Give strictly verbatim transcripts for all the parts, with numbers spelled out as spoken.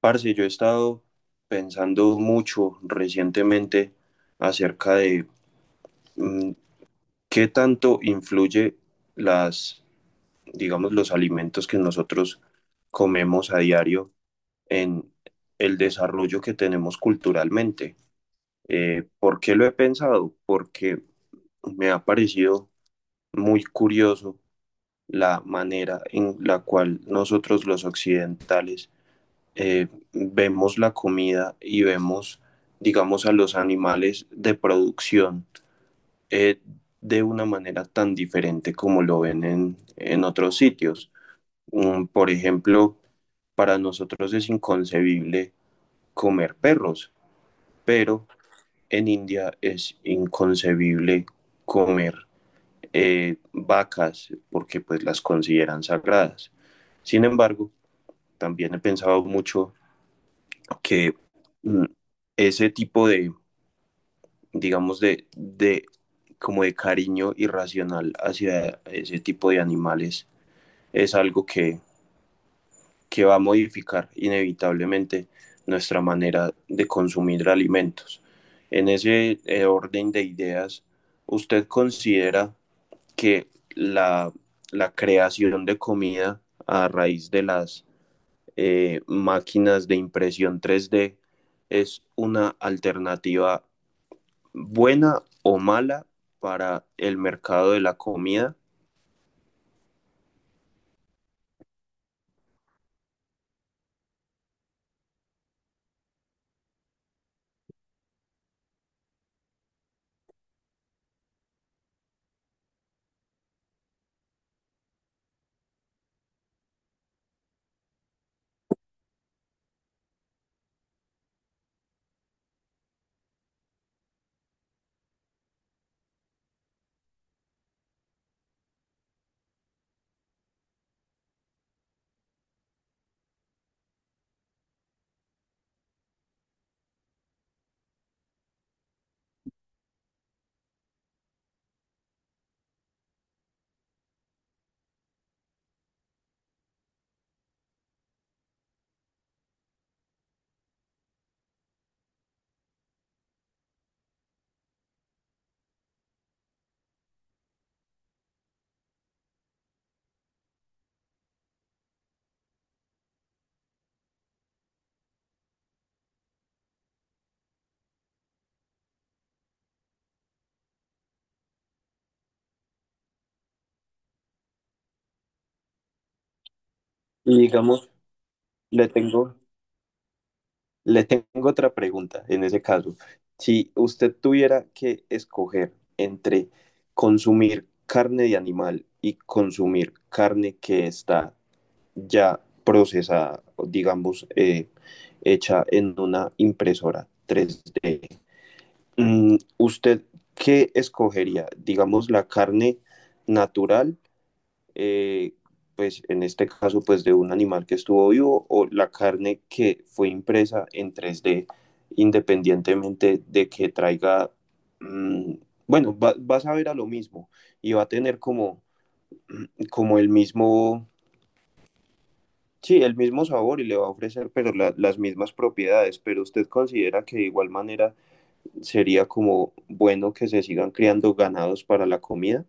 Parce, yo he estado pensando mucho recientemente acerca de mm, qué tanto influye las, digamos, los alimentos que nosotros comemos a diario en el desarrollo que tenemos culturalmente. Eh, ¿por qué lo he pensado? Porque me ha parecido muy curioso la manera en la cual nosotros los occidentales eh, vemos la comida y vemos, digamos, a los animales de producción eh, de una manera tan diferente como lo ven en, en otros sitios. Um, por ejemplo, para nosotros es inconcebible comer perros, pero en India es inconcebible comer eh, vacas porque pues las consideran sagradas. Sin embargo, también he pensado mucho que mm, ese tipo de, digamos, de, de, como de cariño irracional hacia ese tipo de animales es algo que, que va a modificar inevitablemente nuestra manera de consumir alimentos. En ese eh, orden de ideas, ¿usted considera que la, la creación de comida a raíz de las eh, máquinas de impresión tres D es una alternativa buena o mala para el mercado de la comida? Y digamos, le tengo, le tengo otra pregunta en ese caso. Si usted tuviera que escoger entre consumir carne de animal y consumir carne que está ya procesada, o digamos, eh, hecha en una impresora tres D, Mm, ¿usted qué escogería? Digamos, la carne natural, eh, pues en este caso, pues de un animal que estuvo vivo, o la carne que fue impresa en tres d independientemente de que traiga, mm, bueno, va, va a saber a lo mismo y va a tener como, como el mismo, sí, el mismo sabor y le va a ofrecer, pero la- las mismas propiedades, pero usted considera que de igual manera sería como bueno que se sigan criando ganados para la comida.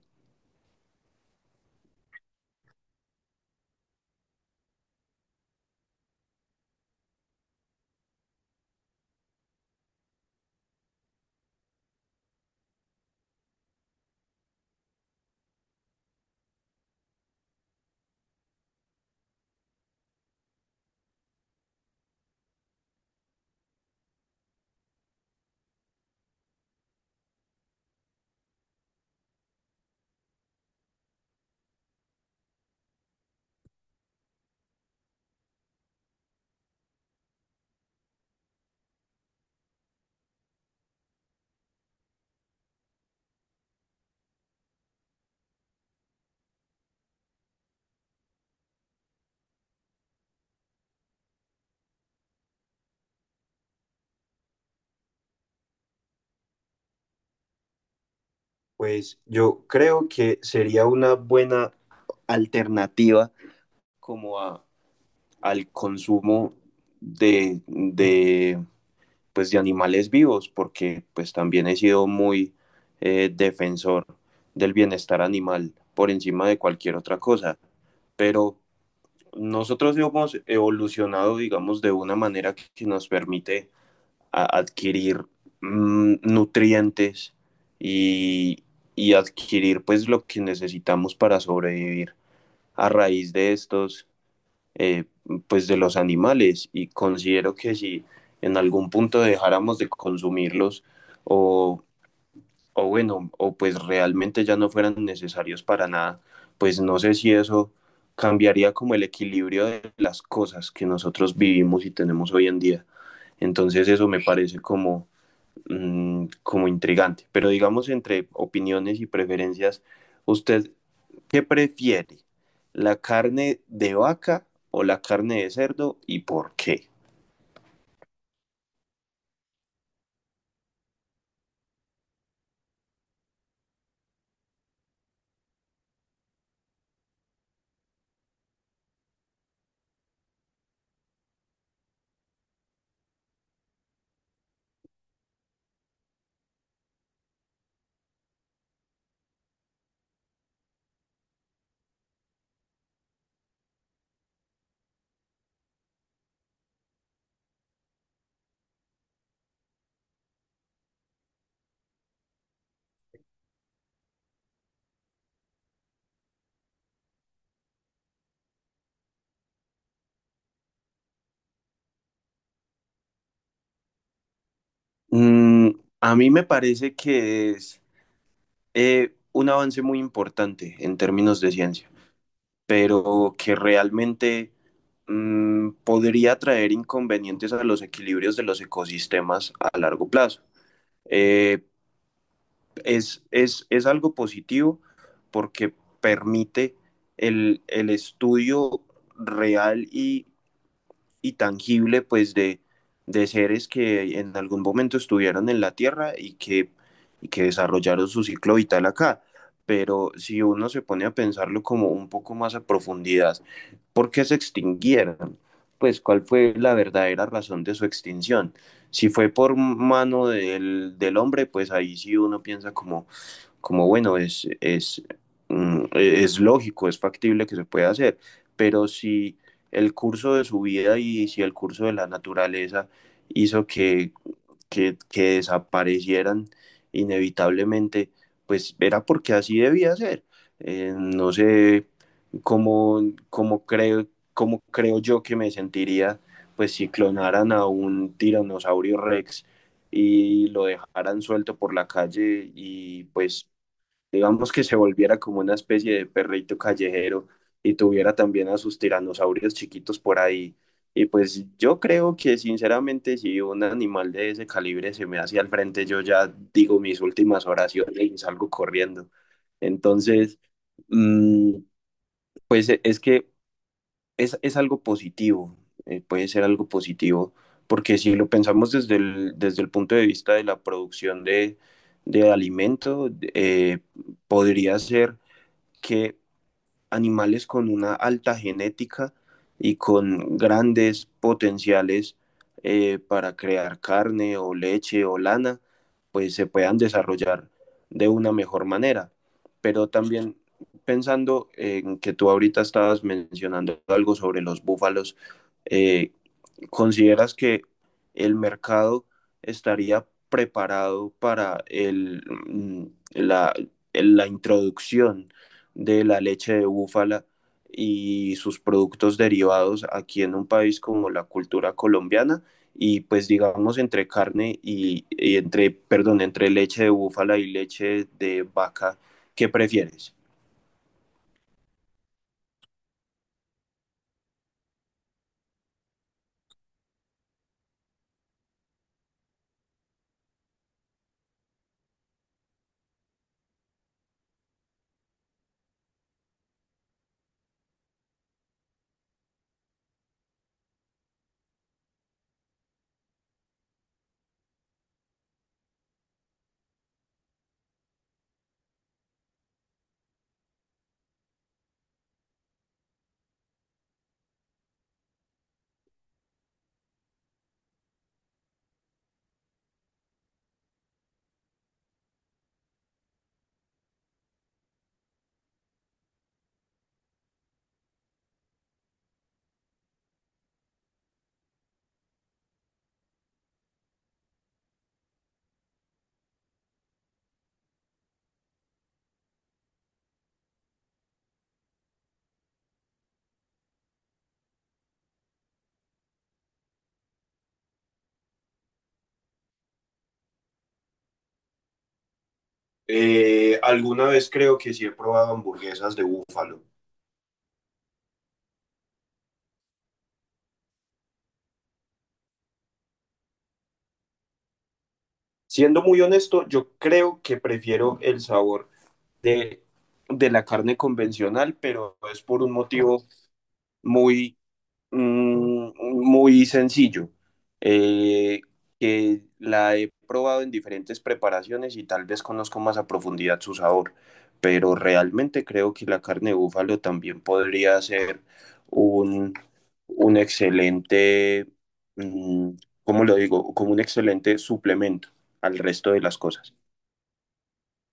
Pues yo creo que sería una buena alternativa como a, al consumo de, de, pues de animales vivos, porque pues también he sido muy eh, defensor del bienestar animal por encima de cualquier otra cosa. Pero nosotros hemos evolucionado, digamos, de una manera que nos permite a adquirir mmm, nutrientes y, y adquirir pues lo que necesitamos para sobrevivir a raíz de estos, eh, pues de los animales. Y considero que si en algún punto dejáramos de consumirlos o, o bueno, o pues realmente ya no fueran necesarios para nada, pues no sé si eso cambiaría como el equilibrio de las cosas que nosotros vivimos y tenemos hoy en día. Entonces eso me parece como mm, como intrigante. Pero digamos, entre opiniones y preferencias, ¿usted qué prefiere? ¿La carne de vaca o la carne de cerdo y por qué? Mm, a mí me parece que es eh, un avance muy importante en términos de ciencia, pero que realmente mm, podría traer inconvenientes a los equilibrios de los ecosistemas a largo plazo. Eh, es, es, es algo positivo porque permite el, el estudio real y, y tangible pues de, de seres que en algún momento estuvieron en la Tierra y que, y que desarrollaron su ciclo vital acá. Pero si uno se pone a pensarlo como un poco más a profundidad, ¿por qué se extinguieron? Pues cuál fue la verdadera razón de su extinción. Si fue por mano del, del, hombre, pues ahí sí uno piensa como, como bueno, es, es, mm, e-, es lógico, es factible que se pueda hacer, pero si el curso de su vida y si el curso de la naturaleza hizo que, que, que desaparecieran inevitablemente, pues era porque así debía ser. Eh, no sé cómo, cómo, creo, cómo creo yo que me sentiría pues si clonaran a un tiranosaurio rex y lo dejaran suelto por la calle y pues digamos que se volviera como una especie de perrito callejero y tuviera también a sus tiranosaurios chiquitos por ahí. Y pues yo creo que sinceramente si un animal de ese calibre se me hace al frente, yo ya digo mis últimas oraciones y salgo corriendo. Entonces, mm, pues e- es que es, es algo positivo, eh, puede ser algo positivo, porque si lo pensamos desde el, desde el punto de vista de la producción de, de alimento, eh, podría ser que animales con una alta genética y con grandes potenciales eh, para crear carne o leche o lana, pues se puedan desarrollar de una mejor manera. Pero también pensando en que tú ahorita estabas mencionando algo sobre los búfalos, eh, ¿consideras que el mercado estaría preparado para el, mm, la, el- la introducción de la leche de búfala y sus productos derivados aquí en un país como la cultura colombiana? Y pues digamos entre carne y, y entre, perdón, entre leche de búfala y leche de vaca, ¿qué prefieres? Eh, alguna vez creo que sí he probado hamburguesas de búfalo. Siendo muy honesto, yo creo que prefiero el sabor de, de la carne convencional, pero es por un motivo muy Mm, muy sencillo, eh, que la he probado en diferentes preparaciones y tal vez conozco más a profundidad su sabor, pero realmente creo que la carne de búfalo también podría ser un, un excelente, mm, ¿cómo lo digo? Como un excelente suplemento al resto de las cosas.